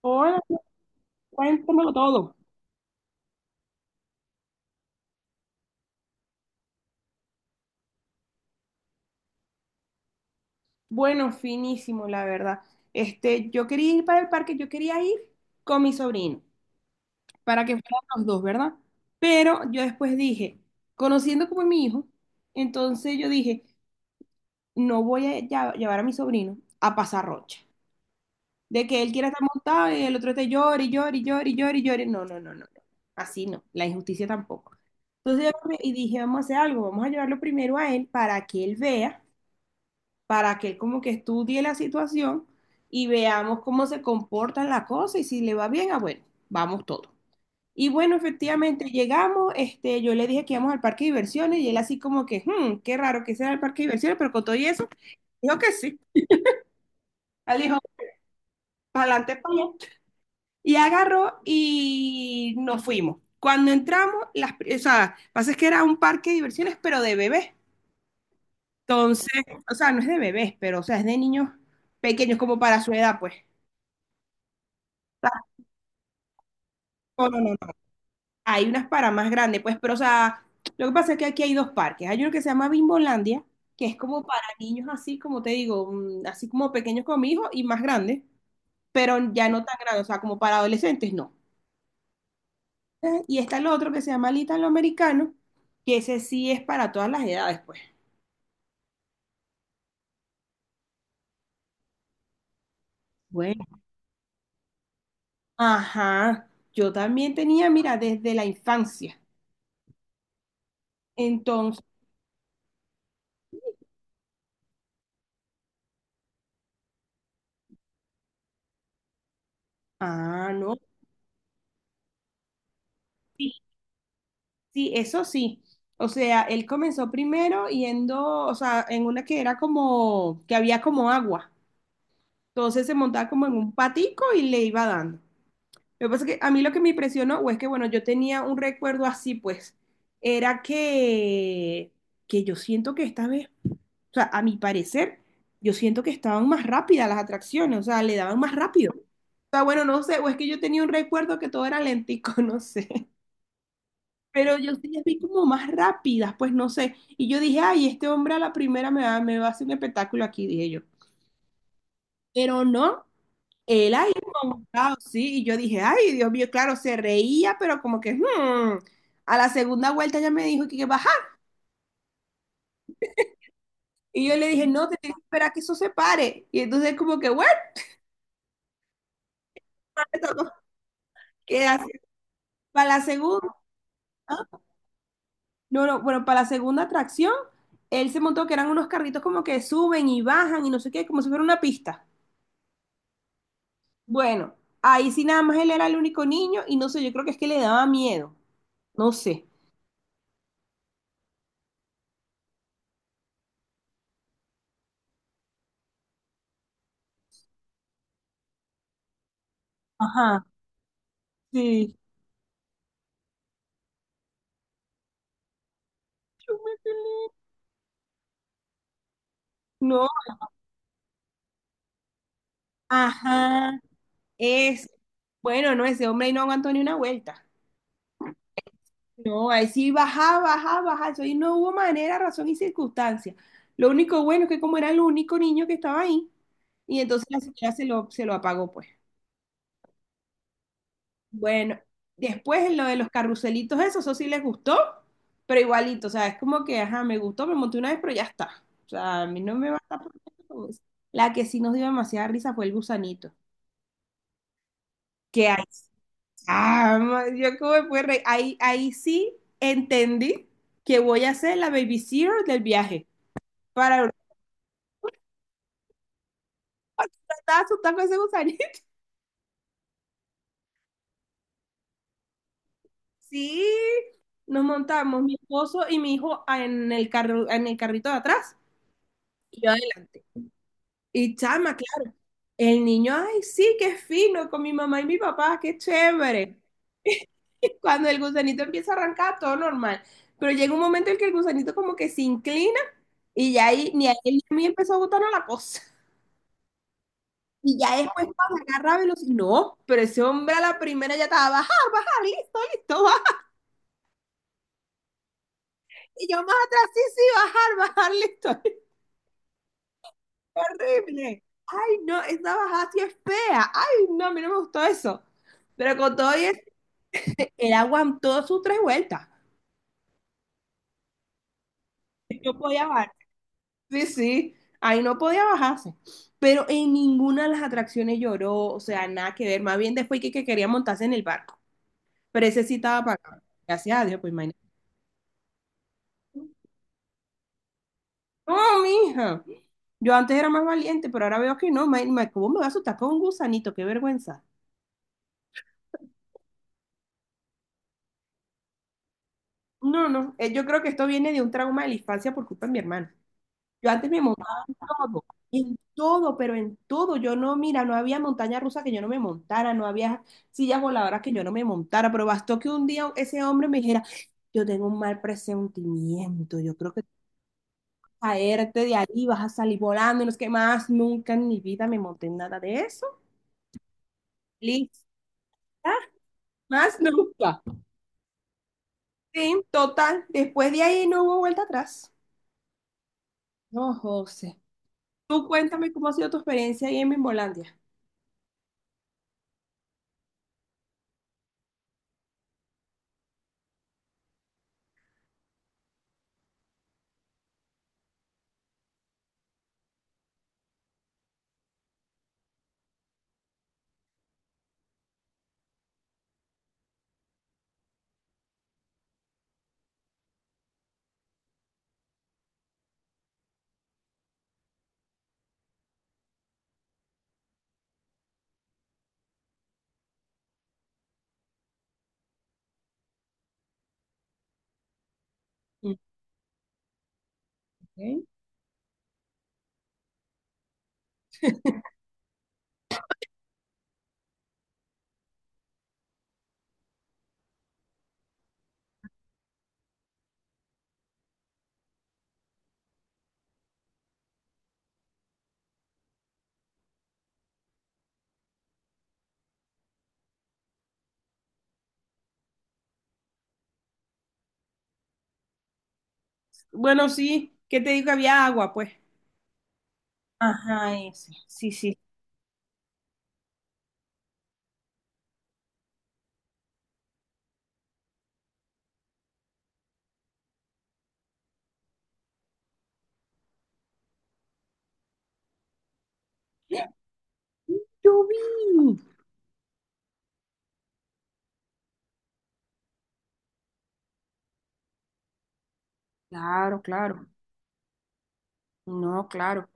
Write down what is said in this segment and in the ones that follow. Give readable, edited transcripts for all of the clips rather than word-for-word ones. Hola, cuéntamelo todo. Bueno, finísimo, la verdad. Yo quería ir para el parque, yo quería ir con mi sobrino, para que fueran los dos, ¿verdad? Pero yo después dije, conociendo como es mi hijo, entonces yo dije, no voy a llevar a mi sobrino a pasar rocha. De que él quiera estar montado y el otro esté llore, y llore, y llore, y llore, y llore. No, no, no, no, no. Así no, la injusticia tampoco. Entonces y dije, vamos a hacer algo, vamos a llevarlo primero a él para que él vea, para que él como que estudie la situación y veamos cómo se comportan las cosas, y si le va bien, ah, bueno, vamos todos. Y bueno, efectivamente llegamos, yo le dije que íbamos al parque de diversiones y él así como que, "Hmm, qué raro que sea el parque de diversiones", pero con todo y eso, dijo que sí. Él dijo, para adelante, para allá. Y agarró y nos fuimos. Cuando entramos, o sea, pasa es que era un parque de diversiones, pero de bebés. Entonces, o sea, no es de bebés, pero o sea, es de niños pequeños como para su edad, pues. No, no, no, hay unas para más grandes, pues, pero o sea, lo que pasa es que aquí hay dos parques. Hay uno que se llama Bimbolandia, que es como para niños así, como te digo, así como pequeños como mi hijo y más grandes, pero ya no tan grandes, o sea, como para adolescentes, no. Y está el otro que se llama Little Americano, que ese sí es para todas las edades, pues. Bueno, ajá, yo también tenía, mira, desde la infancia. Entonces, ah, no. Sí, eso sí. O sea, él comenzó primero yendo, o sea, en una que era como, que había como agua. Entonces se montaba como en un patico y le iba dando. Lo que pasa es que a mí lo que me impresionó, o es que, bueno, yo tenía un recuerdo así, pues, era que yo siento que esta vez, o sea, a mi parecer, yo siento que estaban más rápidas las atracciones, o sea, le daban más rápido. O sea, bueno, no sé, o es que yo tenía un recuerdo que todo era lentico, no sé. Pero yo sí las vi como más rápidas, pues no sé. Y yo dije, ay, este hombre a la primera me va a hacer un espectáculo aquí, dije yo. Pero no, él ahí montado, sí. Y yo dije, ay, Dios mío, claro, se reía, pero como que, hmm. A la segunda vuelta ya me dijo que bajar. Y yo le dije, no, te tienes que esperar a que eso se pare. Y entonces como que, bueno, le tocó quedarse. Para la segunda, ¿ah? No, no, bueno, para la segunda atracción, él se montó que eran unos carritos como que suben y bajan y no sé qué, como si fuera una pista. Bueno, ahí sí nada más él era el único niño y no sé, yo creo que es que le daba miedo, no sé. Ajá, sí. No, ajá, es. Bueno, no, ese hombre ahí no aguantó ni una vuelta. No, ahí sí bajaba, bajaba, bajaba. Eso ahí no hubo manera, razón y circunstancia. Lo único bueno es que como era el único niño que estaba ahí, y entonces la señora se lo apagó, pues. Bueno, después en lo de los carruselitos, eso sí les gustó, pero igualito, o sea, es como que, ajá, me gustó, me monté una vez, pero ya está. O sea, a mí no me va a estar poniendo con eso. La que sí nos dio demasiada risa fue el gusanito. Que ahí, ah, yo como me pude reír. Ahí, ahí sí entendí que voy a ser la baby zero del viaje. Para ver, estaba asustada con ese gusanito. Sí, nos montamos mi esposo y mi hijo en el carro, en el carrito de atrás, y yo adelante. Y chama, claro. El niño, ay, sí, qué fino, con mi mamá y mi papá, qué chévere. Cuando el gusanito empieza a arrancar, todo normal. Pero llega un momento en que el gusanito como que se inclina y ya ahí, ni a él ni a mí empezó a gustarnos la cosa. Y ya después cuando agarra velocidad, no, pero ese hombre a la primera ya estaba, bajar, bajar, listo, listo, bajar. Y yo más atrás, sí, sí, bajar, bajar, listo. Horrible. Ay, no, esa bajada sí es fea. Ay, no, a mí no me gustó eso. Pero con todo eso, él aguantó sus tres vueltas. No podía bajar. Sí, sí, ahí no podía bajarse. Pero en ninguna de las atracciones lloró, o sea, nada que ver. Más bien después que quería montarse en el barco. Pero ese sí estaba pagado. Gracias a Dios, pues imagínate. No, mija. Yo antes era más valiente, pero ahora veo que no. ¿Cómo me va a asustar con un gusanito? Qué vergüenza. No, no. Yo creo que esto viene de un trauma de la infancia por culpa de mi hermano. Yo antes me todo, en todo, pero en todo. Yo no, mira, no había montaña rusa que yo no me montara, no había sillas voladoras que yo no me montara, pero bastó que un día ese hombre me dijera, yo tengo un mal presentimiento, yo creo que caerte de ahí, vas a salir volando, y no es que más nunca en mi vida me monté en nada de eso. Listo. Más nunca. Sí, total. Después de ahí no hubo vuelta atrás. No, José. Tú cuéntame cómo ha sido tu experiencia ahí en Mimbolandia. Ok. Bueno, sí, ¿qué te digo? Había agua, pues. Ajá, ese. Sí, sí. ¡Ah! Yo vi. Claro, claro. No, claro.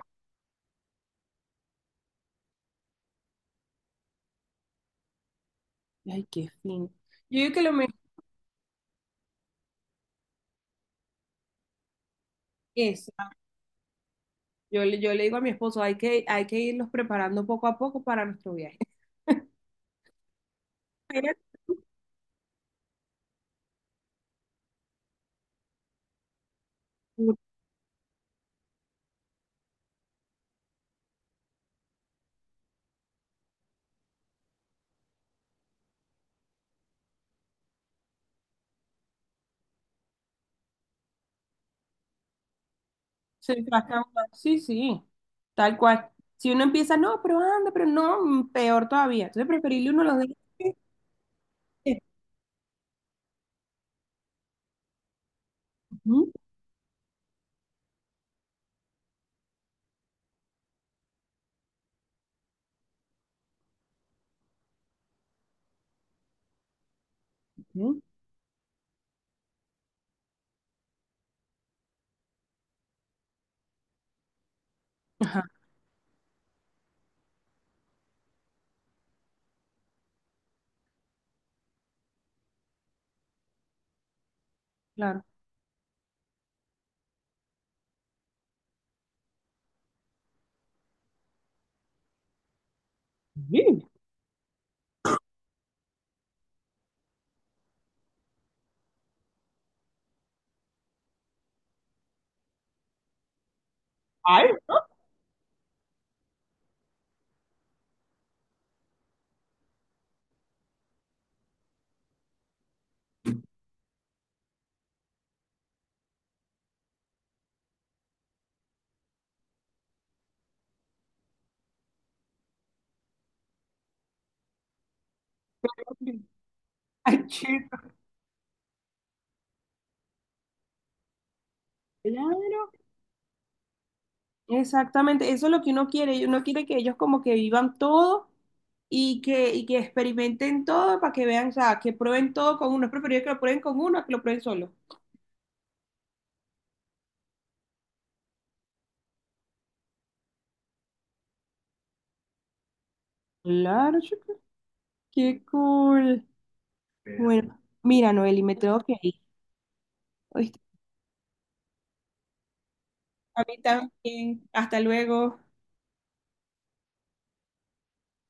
Ay, qué fino. Yo digo que lo mejor es, yo, yo le digo a mi esposo, hay que irlos preparando poco a poco para nuestro viaje. Pero se trata, sí, sí, tal cual. Si uno empieza, no, pero anda, pero no, peor todavía. Entonces, preferible uno los deje. eh, Ujú, ujú, ajá, claro. Sí, ay, no. Ay, chico. Claro. Exactamente, eso es lo que uno quiere. Y uno quiere que ellos como que vivan todo, y que experimenten todo para que vean, o sea, que prueben todo con uno. Es preferible que lo prueben con uno a que lo prueben solo. Claro, chica, qué cool. Bueno, mira, Noeli, me tengo que ir. ¿Oíste? A mí también. Hasta luego.